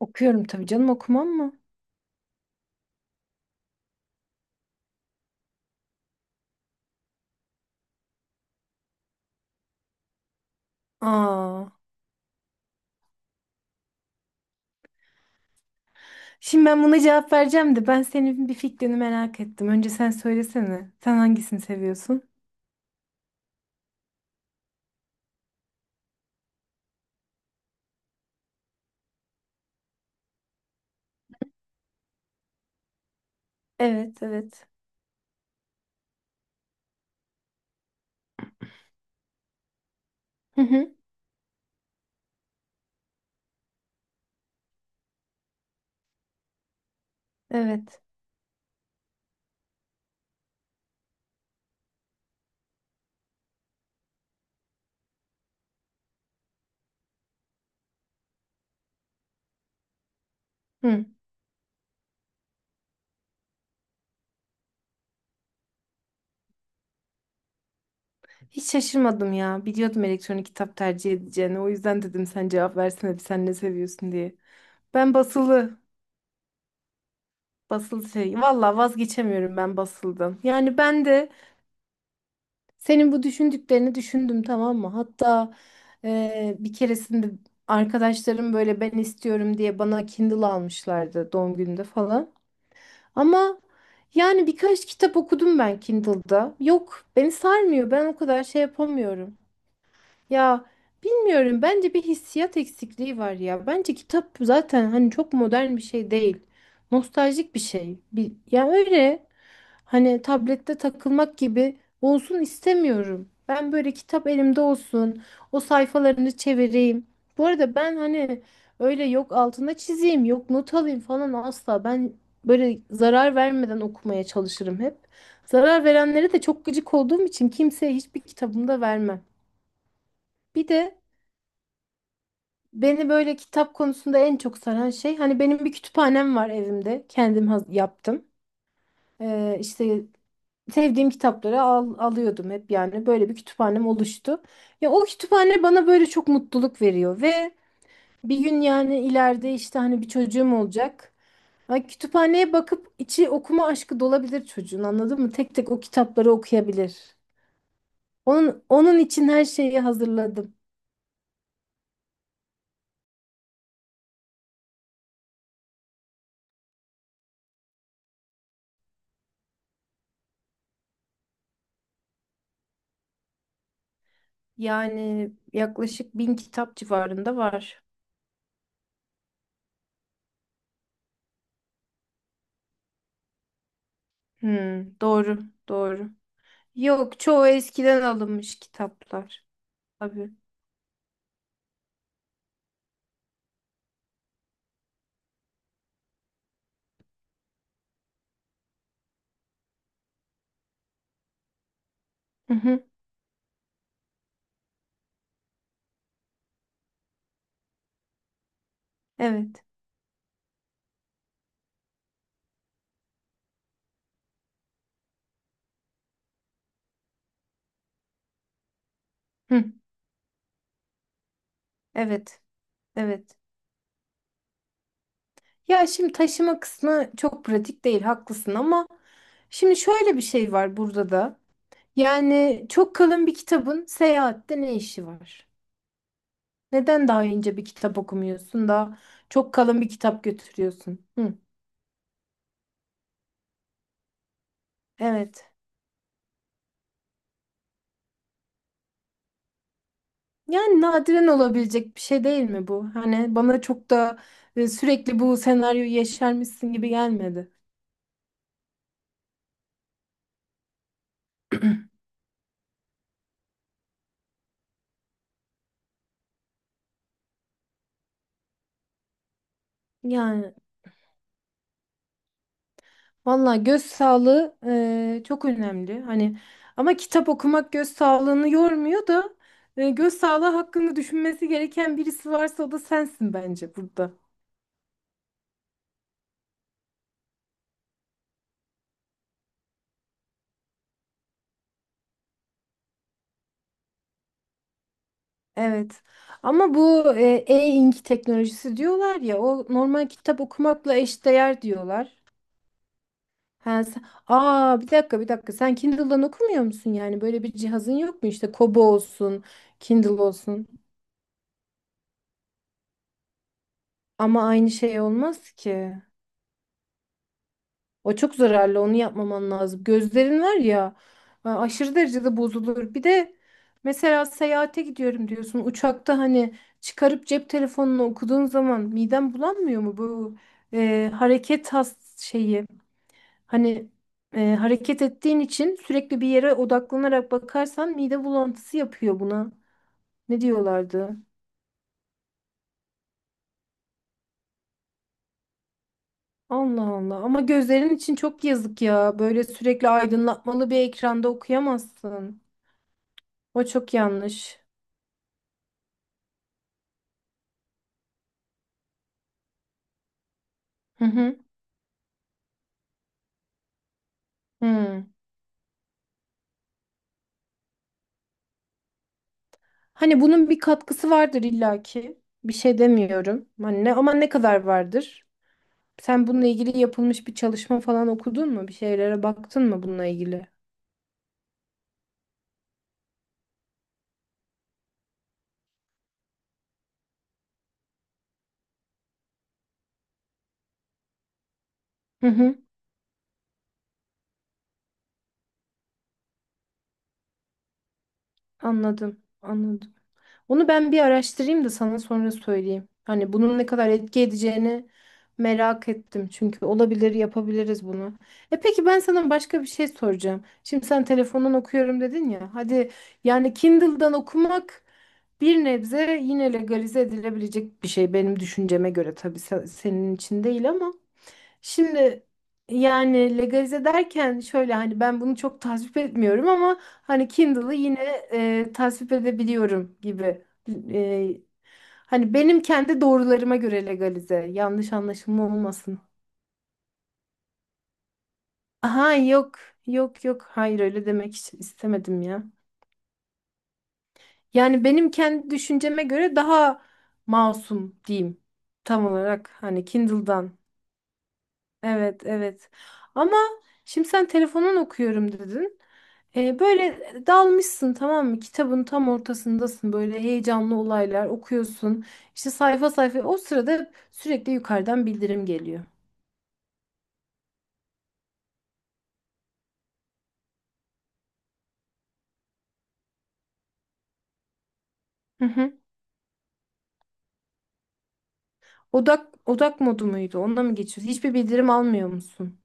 Okuyorum tabii canım, okumam mı? Aa. Şimdi ben buna cevap vereceğim de ben senin bir fikrini merak ettim. Önce sen söylesene. Sen hangisini seviyorsun? Evet, evet. Hı hı, evet. Hı. Hiç şaşırmadım ya. Biliyordum elektronik kitap tercih edeceğini. O yüzden dedim sen cevap versene, bir sen ne seviyorsun diye. Ben basılı. Basılı şey. Valla vazgeçemiyorum, ben basıldım. Yani ben de senin bu düşündüklerini düşündüm, tamam mı? Hatta bir keresinde arkadaşlarım böyle ben istiyorum diye bana Kindle almışlardı doğum günümde falan. Ama yani birkaç kitap okudum ben Kindle'da. Yok, beni sarmıyor. Ben o kadar şey yapamıyorum. Ya bilmiyorum, bence bir hissiyat eksikliği var ya. Bence kitap zaten hani çok modern bir şey değil. Nostaljik bir şey. Bir, ya öyle hani tablette takılmak gibi olsun istemiyorum. Ben böyle kitap elimde olsun. O sayfalarını çevireyim. Bu arada ben hani öyle yok altına çizeyim, yok not alayım falan asla. Ben böyle zarar vermeden okumaya çalışırım hep. Zarar verenlere de çok gıcık olduğum için kimseye hiçbir kitabımda vermem. Bir de beni böyle kitap konusunda en çok saran şey, hani benim bir kütüphanem var evimde. Kendim yaptım. İşte sevdiğim kitapları alıyordum hep, yani böyle bir kütüphanem oluştu. Ya o kütüphane bana böyle çok mutluluk veriyor ve bir gün yani ileride işte hani bir çocuğum olacak. Ay, kütüphaneye bakıp içi okuma aşkı dolabilir çocuğun, anladın mı? Tek tek o kitapları okuyabilir. Onun için her şeyi hazırladım. Yani yaklaşık 1000 kitap civarında var. Hmm, doğru, doğru. Yok, çoğu eskiden alınmış kitaplar. Tabii. Hı hı, evet. Hı, evet. Evet. Ya şimdi taşıma kısmı çok pratik değil, haklısın, ama şimdi şöyle bir şey var burada da. Yani çok kalın bir kitabın seyahatte ne işi var? Neden daha ince bir kitap okumuyorsun da çok kalın bir kitap götürüyorsun? Hı, evet. Yani nadiren olabilecek bir şey değil mi bu? Hani bana çok da sürekli bu senaryoyu yaşarmışsın gibi gelmedi. Yani valla göz sağlığı çok önemli. Hani ama kitap okumak göz sağlığını yormuyor da göz sağlığı hakkında düşünmesi gereken birisi varsa o da sensin bence burada. Evet. Ama bu e-ink teknolojisi diyorlar ya, o normal kitap okumakla eşdeğer diyorlar. Ha, Aa, bir dakika, bir dakika. Sen Kindle'dan okumuyor musun yani? Böyle bir cihazın yok mu? İşte Kobo olsun, Kindle olsun. Ama aynı şey olmaz ki. O çok zararlı. Onu yapmaman lazım. Gözlerin var ya, aşırı derecede bozulur. Bir de mesela seyahate gidiyorum diyorsun. Uçakta hani çıkarıp cep telefonunu okuduğun zaman miden bulanmıyor mu bu hareket has şeyi? Hani hareket ettiğin için sürekli bir yere odaklanarak bakarsan mide bulantısı yapıyor buna. Ne diyorlardı? Allah Allah. Ama gözlerin için çok yazık ya. Böyle sürekli aydınlatmalı bir ekranda okuyamazsın. O çok yanlış. Hı hı. Hı. Hani bunun bir katkısı vardır illaki. Bir şey demiyorum. Hani ne, ama ne kadar vardır? Sen bununla ilgili yapılmış bir çalışma falan okudun mu? Bir şeylere baktın mı bununla ilgili? Hı hı. Anladım. Anladım. Onu ben bir araştırayım da sana sonra söyleyeyim. Hani bunun ne kadar etki edeceğini merak ettim. Çünkü olabilir, yapabiliriz bunu. E peki, ben sana başka bir şey soracağım. Şimdi sen telefondan okuyorum dedin ya. Hadi yani Kindle'dan okumak bir nebze yine legalize edilebilecek bir şey benim düşünceme göre, tabii senin için değil, ama şimdi yani legalize derken şöyle, hani ben bunu çok tasvip etmiyorum ama hani Kindle'ı yine tasvip edebiliyorum gibi. E, Hani benim kendi doğrularıma göre legalize. Yanlış anlaşılma olmasın. Aha, yok, yok hayır, öyle demek hiç istemedim ya. Yani benim kendi düşünceme göre daha masum diyeyim, tam olarak, hani Kindle'dan. Evet, evet. Ama şimdi sen telefondan okuyorum dedin. Böyle dalmışsın, tamam mı? Kitabın tam ortasındasın. Böyle heyecanlı olaylar okuyorsun. İşte sayfa sayfa. O sırada sürekli yukarıdan bildirim geliyor. Hı hı. Odak, odak modu muydu? Onda mı geçiyorsun? Hiçbir bildirim almıyor musun?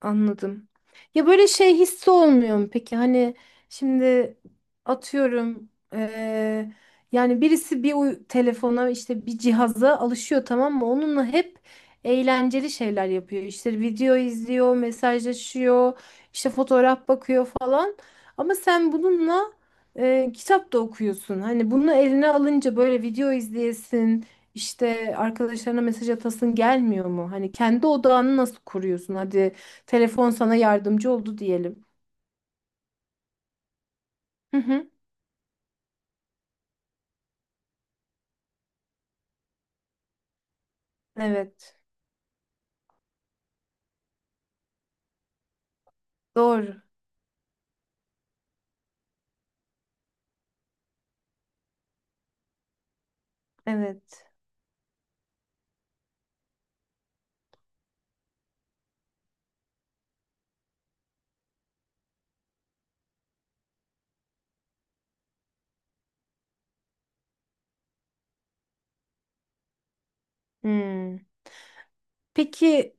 Anladım. Ya böyle şey hissi olmuyor mu peki? Hani şimdi atıyorum, yani birisi bir telefona, işte bir cihaza alışıyor, tamam mı? Onunla hep eğlenceli şeyler yapıyor. İşte video izliyor, mesajlaşıyor, işte fotoğraf bakıyor falan. Ama sen bununla kitap da okuyorsun. Hani bunu eline alınca böyle video izleyesin, işte arkadaşlarına mesaj atasın gelmiyor mu? Hani kendi odağını nasıl kuruyorsun? Hadi telefon sana yardımcı oldu diyelim. Hı hı. Evet. Doğru. Evet. Hmm. Peki,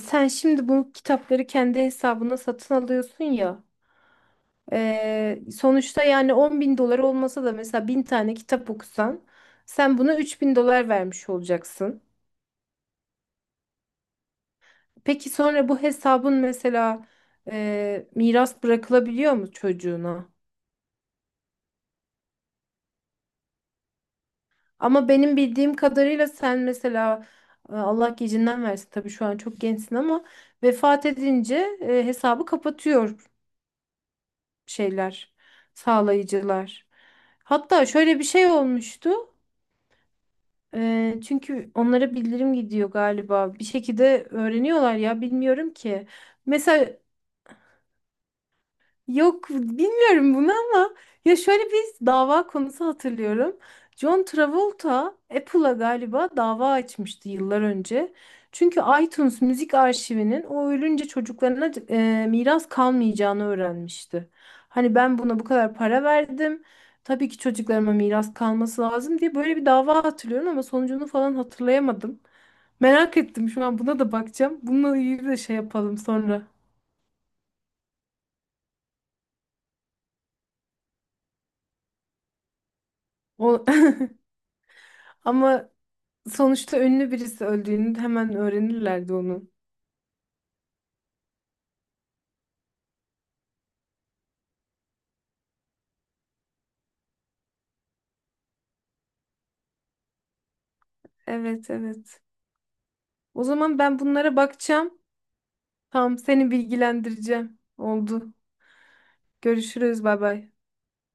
sen şimdi bu kitapları kendi hesabına satın alıyorsun ya. Sonuçta yani 10.000 dolar olmasa da mesela 1000 tane kitap okusan sen buna 3000 dolar vermiş olacaksın. Peki sonra bu hesabın mesela miras bırakılabiliyor mu çocuğuna? Ama benim bildiğim kadarıyla sen mesela Allah gecinden versin tabii, şu an çok gençsin, ama vefat edince hesabı kapatıyor şeyler, sağlayıcılar. Hatta şöyle bir şey olmuştu. Çünkü onlara bildirim gidiyor galiba. Bir şekilde öğreniyorlar ya, bilmiyorum ki. Mesela yok, bilmiyorum bunu, ama ya şöyle bir dava konusu hatırlıyorum. John Travolta Apple'a galiba dava açmıştı yıllar önce. Çünkü iTunes müzik arşivinin o ölünce çocuklarına miras kalmayacağını öğrenmişti. Hani ben buna bu kadar para verdim. Tabii ki çocuklarıma miras kalması lazım diye böyle bir dava hatırlıyorum ama sonucunu falan hatırlayamadım. Merak ettim, şu an buna da bakacağım. Bununla ilgili de şey yapalım sonra. O- Ama sonuçta ünlü birisi öldüğünü hemen öğrenirlerdi onu. Evet, evet. O zaman ben bunlara bakacağım. Tamam, seni bilgilendireceğim. Oldu. Görüşürüz, bay bay.